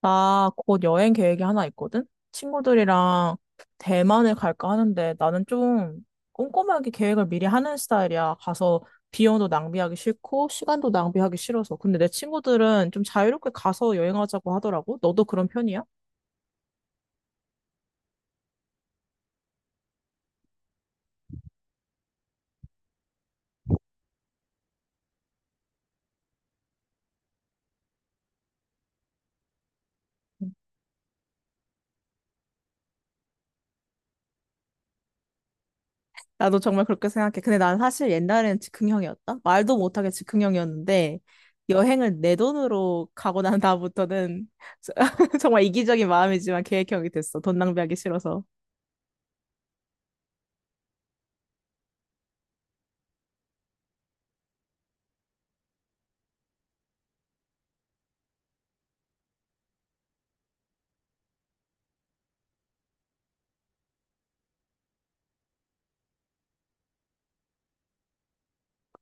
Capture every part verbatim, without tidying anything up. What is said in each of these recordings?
나 곧 여행 계획이 하나 있거든? 친구들이랑 대만을 갈까 하는데 나는 좀 꼼꼼하게 계획을 미리 하는 스타일이야. 가서 비용도 낭비하기 싫고 시간도 낭비하기 싫어서. 근데 내 친구들은 좀 자유롭게 가서 여행하자고 하더라고. 너도 그런 편이야? 나도 정말 그렇게 생각해. 근데 난 사실 옛날엔 즉흥형이었다. 말도 못하게 즉흥형이었는데 여행을 내 돈으로 가고 난 다음부터는 정말 이기적인 마음이지만 계획형이 됐어. 돈 낭비하기 싫어서.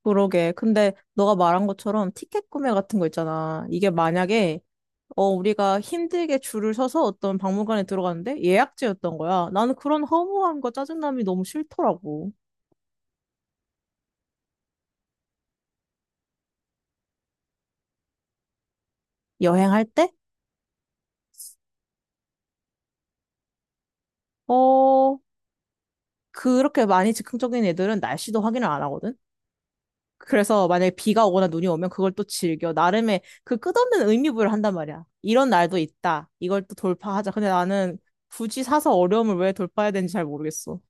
그러게. 근데 너가 말한 것처럼 티켓 구매 같은 거 있잖아. 이게 만약에 어 우리가 힘들게 줄을 서서 어떤 박물관에 들어갔는데 예약제였던 거야. 나는 그런 허무함과 짜증남이 너무 싫더라고. 여행할 때? 어 그렇게 많이 즉흥적인 애들은 날씨도 확인을 안 하거든. 그래서 만약에 비가 오거나 눈이 오면 그걸 또 즐겨. 나름의 그 끝없는 의미 부여를 한단 말이야. 이런 날도 있다. 이걸 또 돌파하자. 근데 나는 굳이 사서 어려움을 왜 돌파해야 되는지 잘 모르겠어.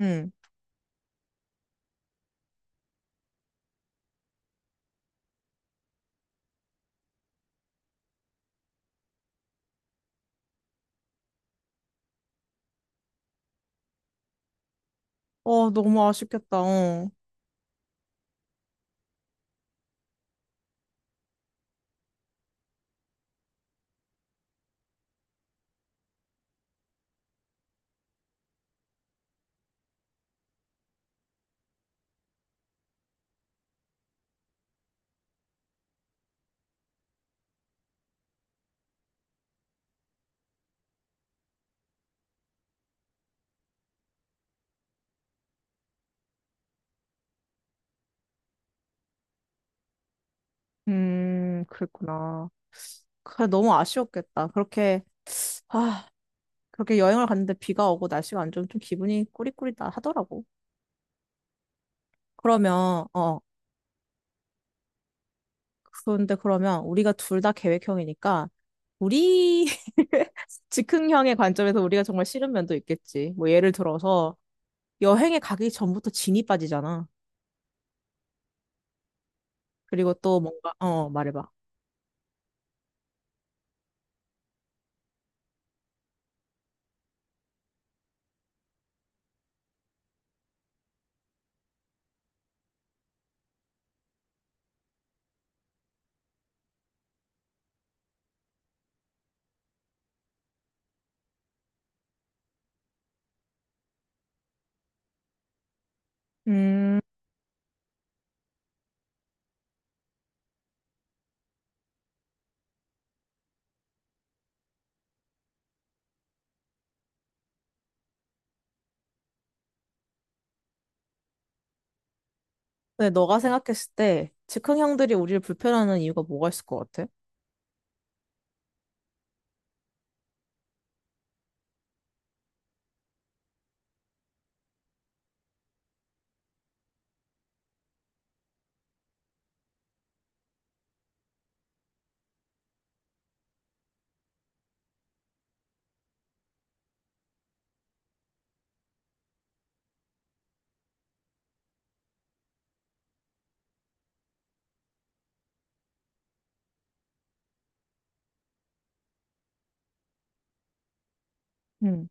응. 어, 너무 아쉽겠다. 어. 음, 그랬구나. 그래, 너무 아쉬웠겠다. 그렇게, 아, 그렇게 여행을 갔는데 비가 오고 날씨가 안 좋으면 좀 기분이 꾸리꾸리다 하더라고. 그러면, 어, 그런데 그러면 우리가 둘 다 계획형이니까, 우리 즉흥형의 관점에서 우리가 정말 싫은 면도 있겠지. 뭐 예를 들어서 여행에 가기 전부터 진이 빠지잖아. 그리고 또 뭔가, 어, 말해봐. 음, 근데 너가 생각했을 때 즉흥형들이 우리를 불편하는 이유가 뭐가 있을 것 같아? 음.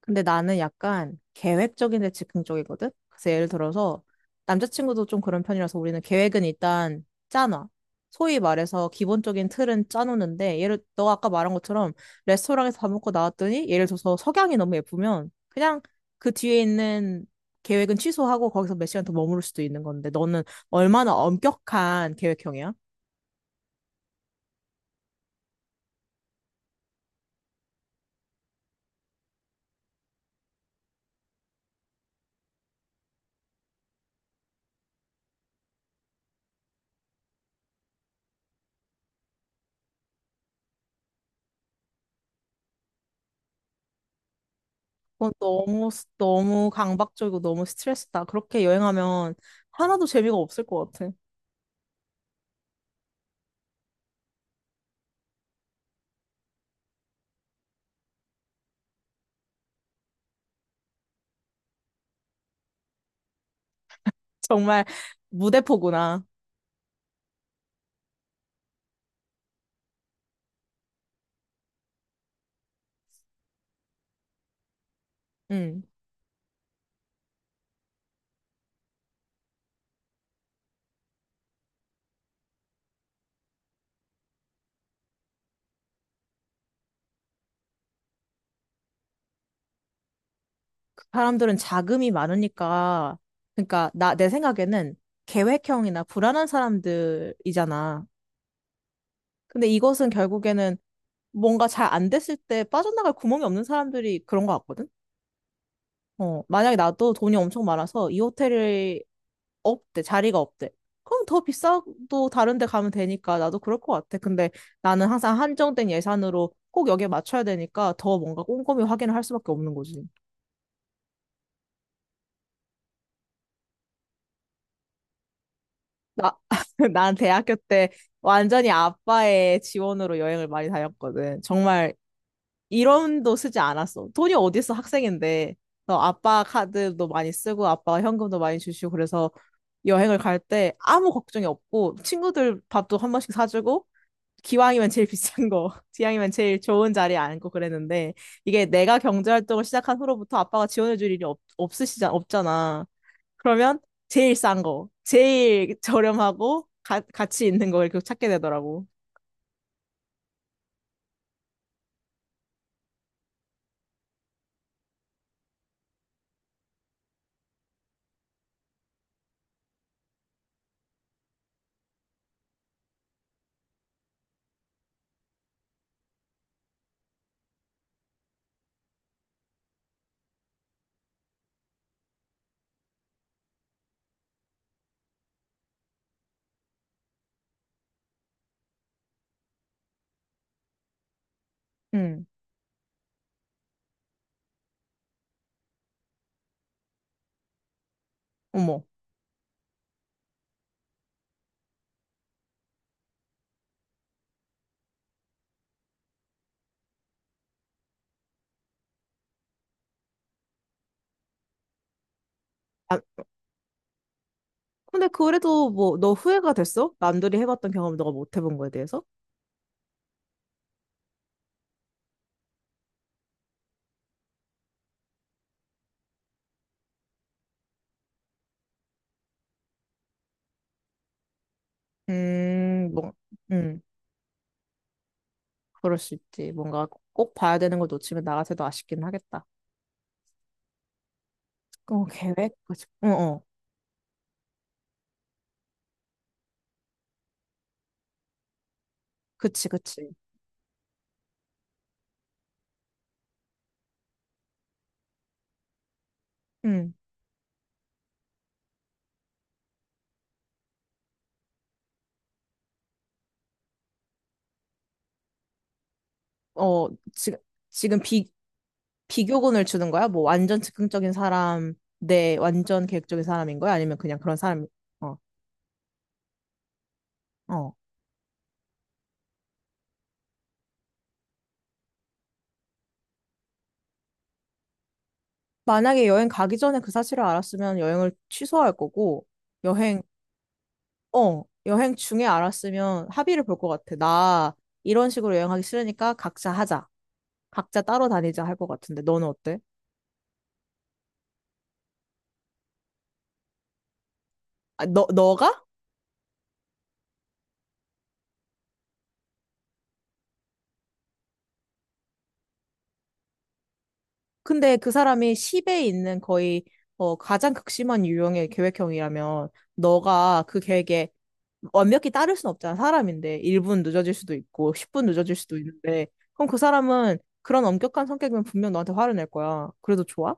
근데 나는 약간 계획적인 데 즉흥적이거든? 그래서 예를 들어서 남자친구도 좀 그런 편이라서 우리는 계획은 일단 짜놔. 소위 말해서 기본적인 틀은 짜놓는데 예를 너 아까 말한 것처럼 레스토랑에서 밥 먹고 나왔더니 예를 들어서 석양이 너무 예쁘면 그냥 그 뒤에 있는 계획은 취소하고 거기서 몇 시간 더 머무를 수도 있는 건데 너는 얼마나 엄격한 계획형이야? 그건 너무, 스- 너무 강박적이고 너무 스트레스다. 그렇게 여행하면 하나도 재미가 없을 것 같아. 정말 무대포구나. 음, 그 사람들은 자금이 많으니까, 그러니까 나, 내 생각에는 계획형이나 불안한 사람들이잖아. 근데 이것은 결국에는 뭔가 잘 안 됐을 때 빠져나갈 구멍이 없는 사람들이 그런 것 같거든? 어, 만약에 나도 돈이 엄청 많아서 이 호텔이 없대, 자리가 없대. 그럼 더 비싸도 다른 데 가면 되니까 나도 그럴 것 같아. 근데 나는 항상 한정된 예산으로 꼭 여기에 맞춰야 되니까 더 뭔가 꼼꼼히 확인을 할 수밖에 없는 거지. 나, 난 대학교 때 완전히 아빠의 지원으로 여행을 많이 다녔거든. 정말 일 원도 쓰지 않았어. 돈이 어딨어, 학생인데. 그래서 아빠 카드도 많이 쓰고, 아빠가 현금도 많이 주시고, 그래서 여행을 갈 때 아무 걱정이 없고, 친구들 밥도 한 번씩 사주고, 기왕이면 제일 비싼 거, 기왕이면 제일 좋은 자리에 앉고 그랬는데, 이게 내가 경제활동을 시작한 후로부터 아빠가 지원해줄 일이 없, 없으시잖아, 없잖아. 그러면 제일 싼 거, 제일 저렴하고, 가, 가치 있는 걸 계속 찾게 되더라고. 응, 어머. 근데 그래도 뭐 너 후회가 됐어? 남들이 해봤던 경험을 너가 못 해본 거에 대해서? 음, 뭐, 음, 그럴 수 있지. 뭔가 꼭 봐야 되는 걸 놓치면 나 같아도 아쉽긴 하겠다. 어, 계획? 그치. 어, 어. 그치, 그치. 음, 어, 지금, 지금 비, 비교군을 주는 거야? 뭐 완전 즉흥적인 사람 내 완전 계획적인 사람인 거야? 아니면 그냥 그런 사람? 어, 어. 만약에 여행 가기 전에 그 사실을 알았으면 여행을 취소할 거고 여행 어 여행 중에 알았으면 합의를 볼 것 같아. 나 이런 식으로 여행하기 싫으니까 각자 하자. 각자 따로 다니자 할 것 같은데 너는 어때? 아, 너 너가? 근데 그 사람이 십에 있는 거의 어, 가장 극심한 유형의 계획형이라면 너가 그 계획에 완벽히 따를 순 없잖아. 사람인데 일 분 늦어질 수도 있고 십 분 늦어질 수도 있는데 그럼 그 사람은 그런 엄격한 성격이면 분명 너한테 화를 낼 거야. 그래도 좋아?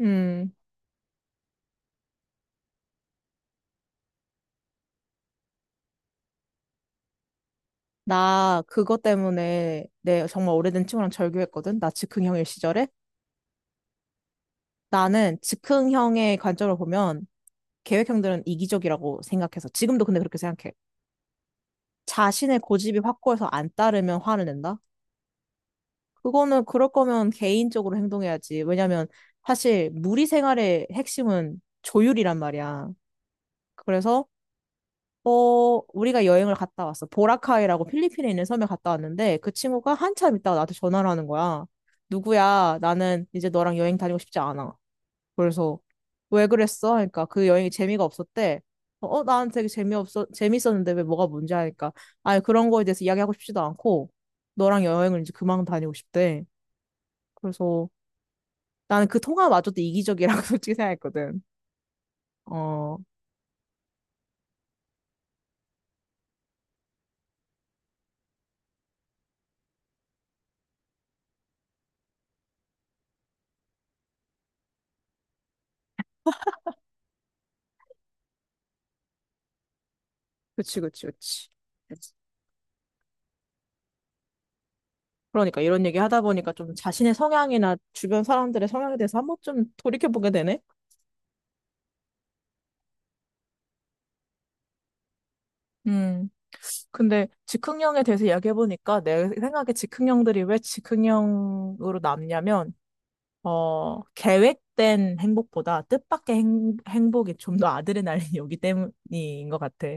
음. 나 그것 때문에 내 정말 오래된 친구랑 절교했거든. 나 즉흥형일 시절에. 나는 즉흥형의 관점으로 보면 계획형들은 이기적이라고 생각해서 지금도 근데 그렇게 생각해. 자신의 고집이 확고해서 안 따르면 화를 낸다. 그거는 그럴 거면 개인적으로 행동해야지. 왜냐면 사실 무리 생활의 핵심은 조율이란 말이야. 그래서 어 우리가 여행을 갔다 왔어. 보라카이라고 필리핀에 있는 섬에 갔다 왔는데 그 친구가 한참 있다가 나한테 전화를 하는 거야. 누구야? 나는 이제 너랑 여행 다니고 싶지 않아. 그래서 왜 그랬어? 하니까 그 여행이 재미가 없었대. 어, 어, 나는 되게 재미없어, 재밌었는데 왜 뭐가 문제 하니까. 아니, 그런 거에 대해서 이야기하고 싶지도 않고, 너랑 여행을 이제 그만 다니고 싶대. 그래서 나는 그 통화마저도 이기적이라고 솔직히 생각했거든. 어, 그치, 그치, 그치. 그러니까 이런 얘기 하다 보니까 좀 자신의 성향이나 주변 사람들의 성향에 대해서 한 번쯤 돌이켜보게 되네? 음, 근데 즉흥형에 대해서 이야기해보니까 내 생각에 즉흥형들이 왜 즉흥형으로 남냐면, 어, 계획된 행복보다 뜻밖의 행, 행복이 좀 더 아드레날린이 오기 때문인 것 같아.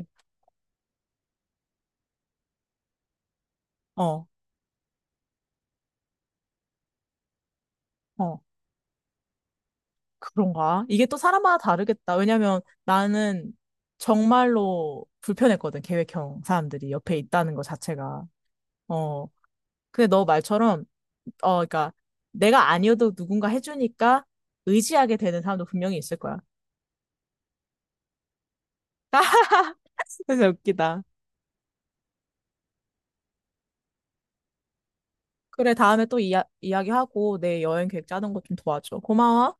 어, 어. 그런가? 이게 또 사람마다 다르겠다. 왜냐면 나는 정말로 불편했거든, 계획형 사람들이 옆에 있다는 것 자체가. 어. 근데 너 말처럼, 어, 그러니까 내가 아니어도 누군가 해주니까 의지하게 되는 사람도 분명히 있을 거야. 진짜 웃기다. 그래, 다음에 또 이야, 이야기하고 내 여행 계획 짜는 거 좀 도와줘. 고마워.